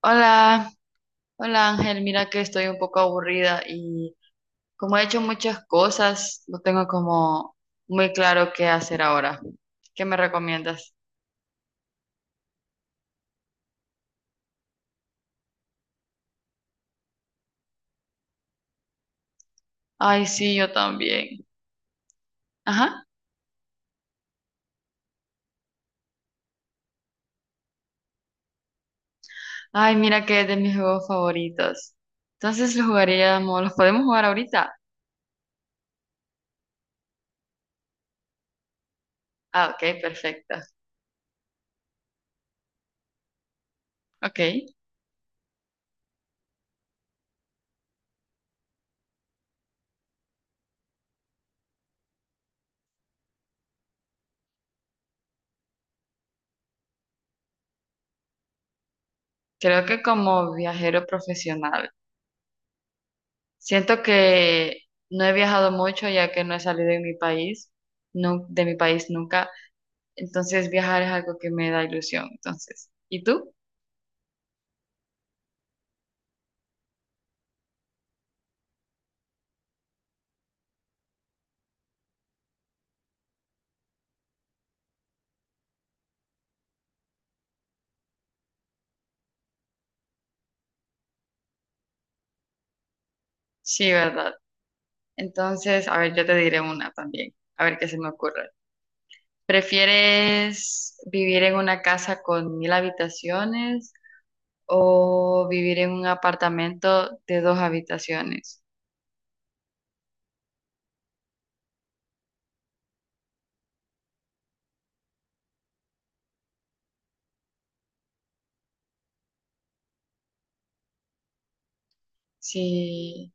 Hola, hola Ángel, mira que estoy un poco aburrida y como he hecho muchas cosas, no tengo como muy claro qué hacer ahora. ¿Qué me recomiendas? Ay, sí, yo también. Ajá. Ay, mira que es de mis juegos favoritos. Entonces lo jugaríamos, ¿los podemos jugar ahorita? Ah, ok, perfecto. Ok, creo que como viajero profesional. Siento que no he viajado mucho ya que no he salido de mi país, de mi país nunca. Entonces viajar es algo que me da ilusión. Entonces, ¿y tú? Sí, ¿verdad? Entonces, a ver, yo te diré una también, a ver qué se me ocurre. ¿Prefieres vivir en una casa con mil habitaciones o vivir en un apartamento de dos habitaciones? Sí,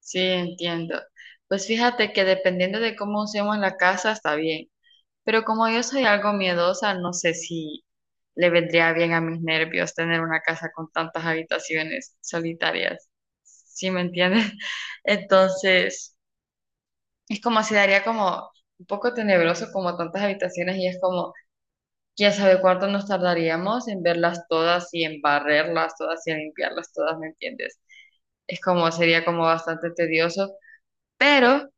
sí, entiendo. Pues fíjate que dependiendo de cómo usemos la casa, está bien. Pero como yo soy algo miedosa, no sé si le vendría bien a mis nervios tener una casa con tantas habitaciones solitarias, ¿sí me entiendes? Entonces, es como si daría como un poco tenebroso como tantas habitaciones y es como, quién sabe cuánto nos tardaríamos en verlas todas y en barrerlas todas y en limpiarlas todas, ¿me entiendes? Es como, sería como bastante tedioso, pero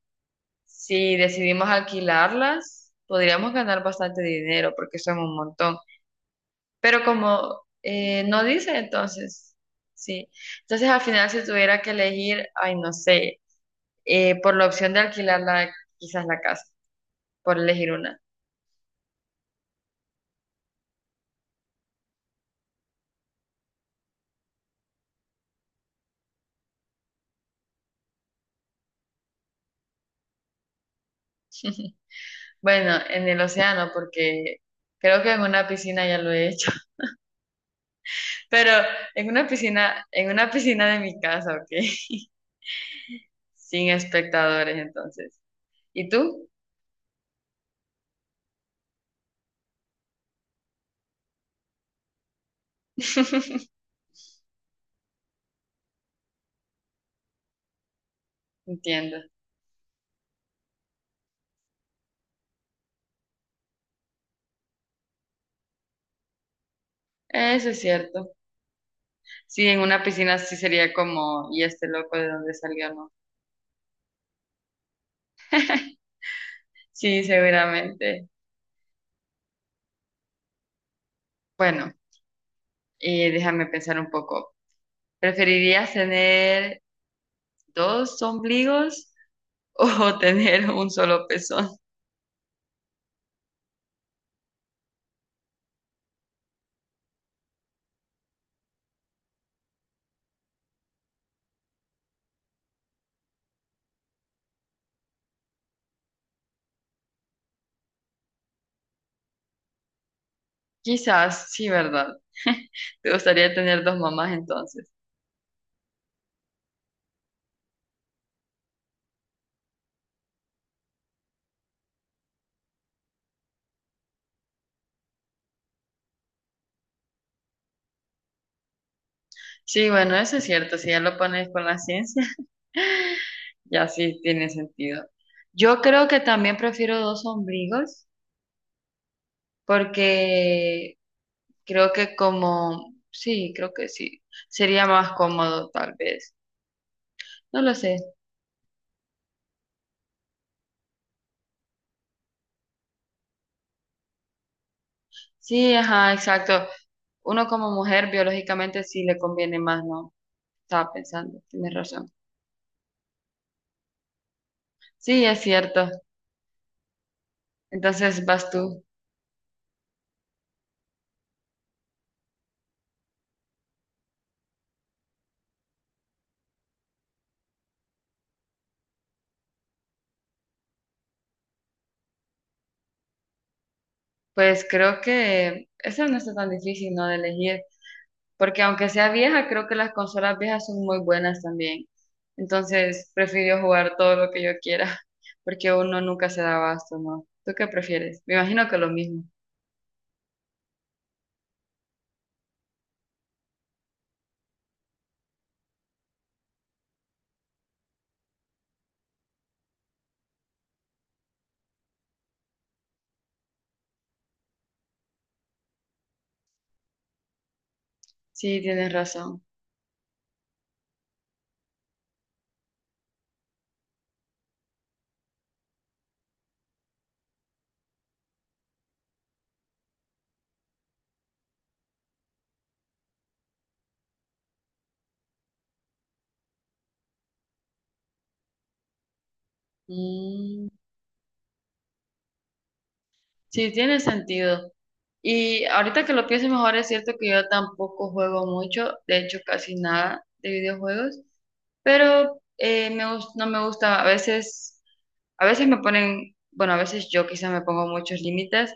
si decidimos alquilarlas, podríamos ganar bastante dinero porque son un montón. Pero como no dice, entonces, sí. Entonces al final si tuviera que elegir, ay, no sé, por la opción de alquilar la, quizás la casa, por elegir una. Bueno, en el océano, porque creo que en una piscina ya lo he hecho, pero en una piscina de mi casa, ¿ok? Sin espectadores, entonces. ¿Y tú? Entiendo. Eso es cierto. Sí, en una piscina sí sería como, ¿y este loco de dónde salió, no? Sí, seguramente. Bueno, déjame pensar un poco. ¿Preferirías tener dos ombligos o tener un solo pezón? Quizás, sí, ¿verdad? ¿Te gustaría tener dos mamás entonces? Sí, bueno, eso es cierto. Si ya lo pones con la ciencia, ya sí tiene sentido. Yo creo que también prefiero dos ombligos porque creo que como, sí, creo que sí. Sería más cómodo tal vez. No lo sé. Sí, ajá, exacto. Uno como mujer biológicamente sí le conviene más, ¿no? Estaba pensando, tienes razón. Sí, es cierto. Entonces vas tú. Pues creo que eso no está tan difícil, ¿no? De elegir. Porque aunque sea vieja, creo que las consolas viejas son muy buenas también. Entonces prefiero jugar todo lo que yo quiera. Porque uno nunca se da abasto, ¿no? ¿Tú qué prefieres? Me imagino que lo mismo. Sí, tienes razón. Mm, sí, tiene sentido. Y ahorita que lo pienso mejor, es cierto que yo tampoco juego mucho, de hecho casi nada de videojuegos, pero no me gusta, a veces me ponen, bueno, a veces yo quizá me pongo muchos límites,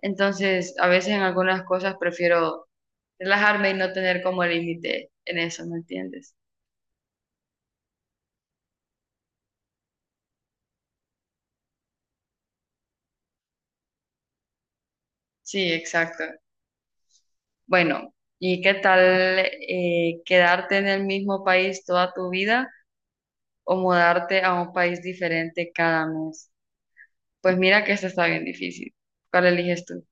entonces a veces en algunas cosas prefiero relajarme y no tener como límite en eso, ¿me entiendes? Sí, exacto. Bueno, ¿y qué tal quedarte en el mismo país toda tu vida o mudarte a un país diferente cada mes? Pues mira que esta está bien difícil. ¿Cuál eliges tú?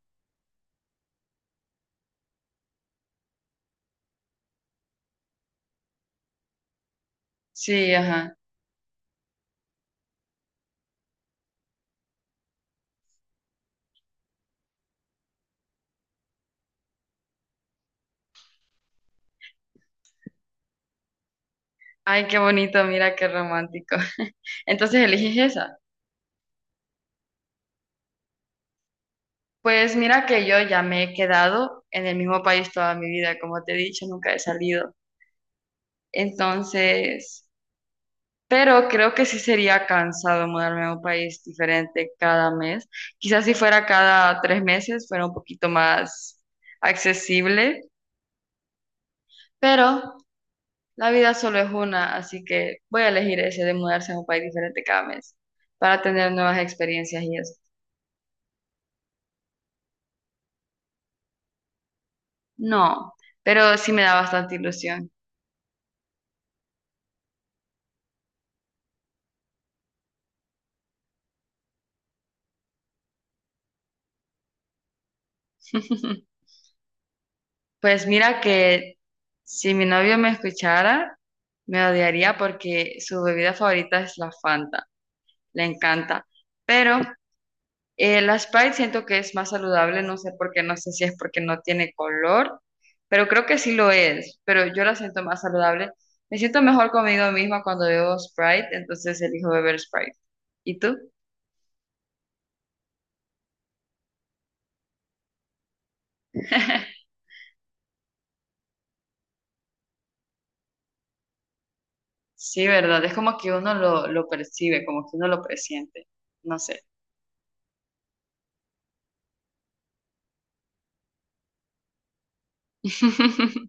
Sí, ajá. Ay, qué bonito, mira qué romántico. Entonces eliges esa. Pues mira que yo ya me he quedado en el mismo país toda mi vida, como te he dicho, nunca he salido. Entonces, pero creo que sí sería cansado mudarme a un país diferente cada mes. Quizás si fuera cada tres meses fuera un poquito más accesible, pero la vida solo es una, así que voy a elegir ese de mudarse a un país diferente cada mes para tener nuevas experiencias y eso. No, pero sí me da bastante ilusión. Pues mira que si mi novio me escuchara, me odiaría porque su bebida favorita es la Fanta, le encanta, pero la Sprite siento que es más saludable, no sé por qué, no sé si es porque no tiene color, pero creo que sí lo es, pero yo la siento más saludable. Me siento mejor conmigo misma cuando bebo Sprite, entonces elijo beber Sprite. ¿Y tú? Sí, ¿verdad? Es como que uno lo percibe, como que uno lo presiente, no sé.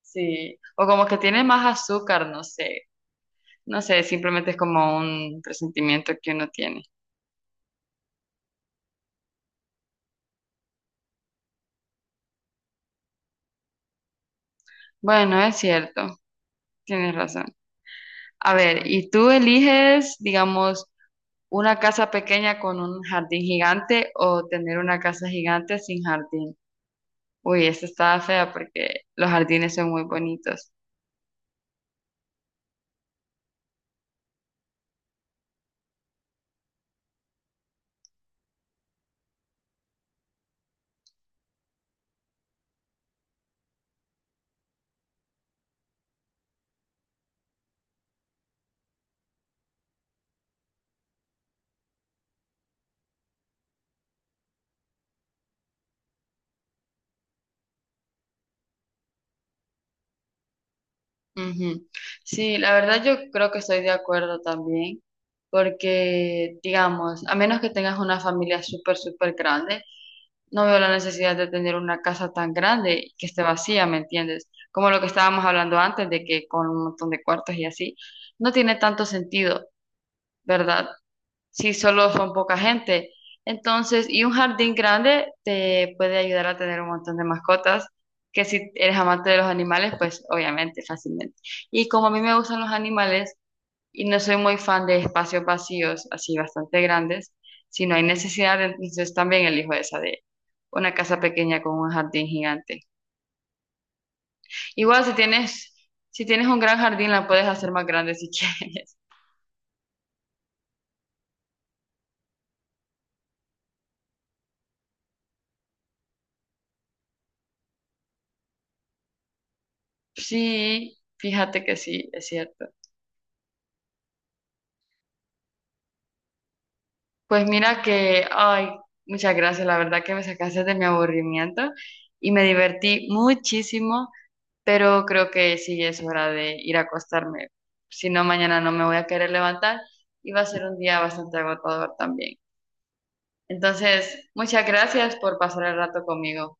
Sí, o como que tiene más azúcar, no sé, no sé, simplemente es como un presentimiento que uno tiene. Bueno, es cierto, tienes razón. A ver, ¿y tú eliges, digamos, una casa pequeña con un jardín gigante o tener una casa gigante sin jardín? Uy, esta estaba fea porque los jardines son muy bonitos. Ujú. Sí, la verdad yo creo que estoy de acuerdo también, porque, digamos, a menos que tengas una familia súper, súper grande, no veo la necesidad de tener una casa tan grande y que esté vacía, ¿me entiendes? Como lo que estábamos hablando antes de que con un montón de cuartos y así, no tiene tanto sentido. ¿Verdad? Si solo son poca gente. Entonces, y un jardín grande te puede ayudar a tener un montón de mascotas, que si eres amante de los animales, pues obviamente, fácilmente. Y como a mí me gustan los animales y no soy muy fan de espacios vacíos, así bastante grandes, si no hay necesidad, entonces también elijo esa de una casa pequeña con un jardín gigante. Igual si tienes un gran jardín, la puedes hacer más grande si quieres. Sí, fíjate que sí, es cierto. Pues mira que, ay, muchas gracias, la verdad que me sacaste de mi aburrimiento y me divertí muchísimo, pero creo que sí es hora de ir a acostarme, si no mañana no me voy a querer levantar y va a ser un día bastante agotador también. Entonces, muchas gracias por pasar el rato conmigo.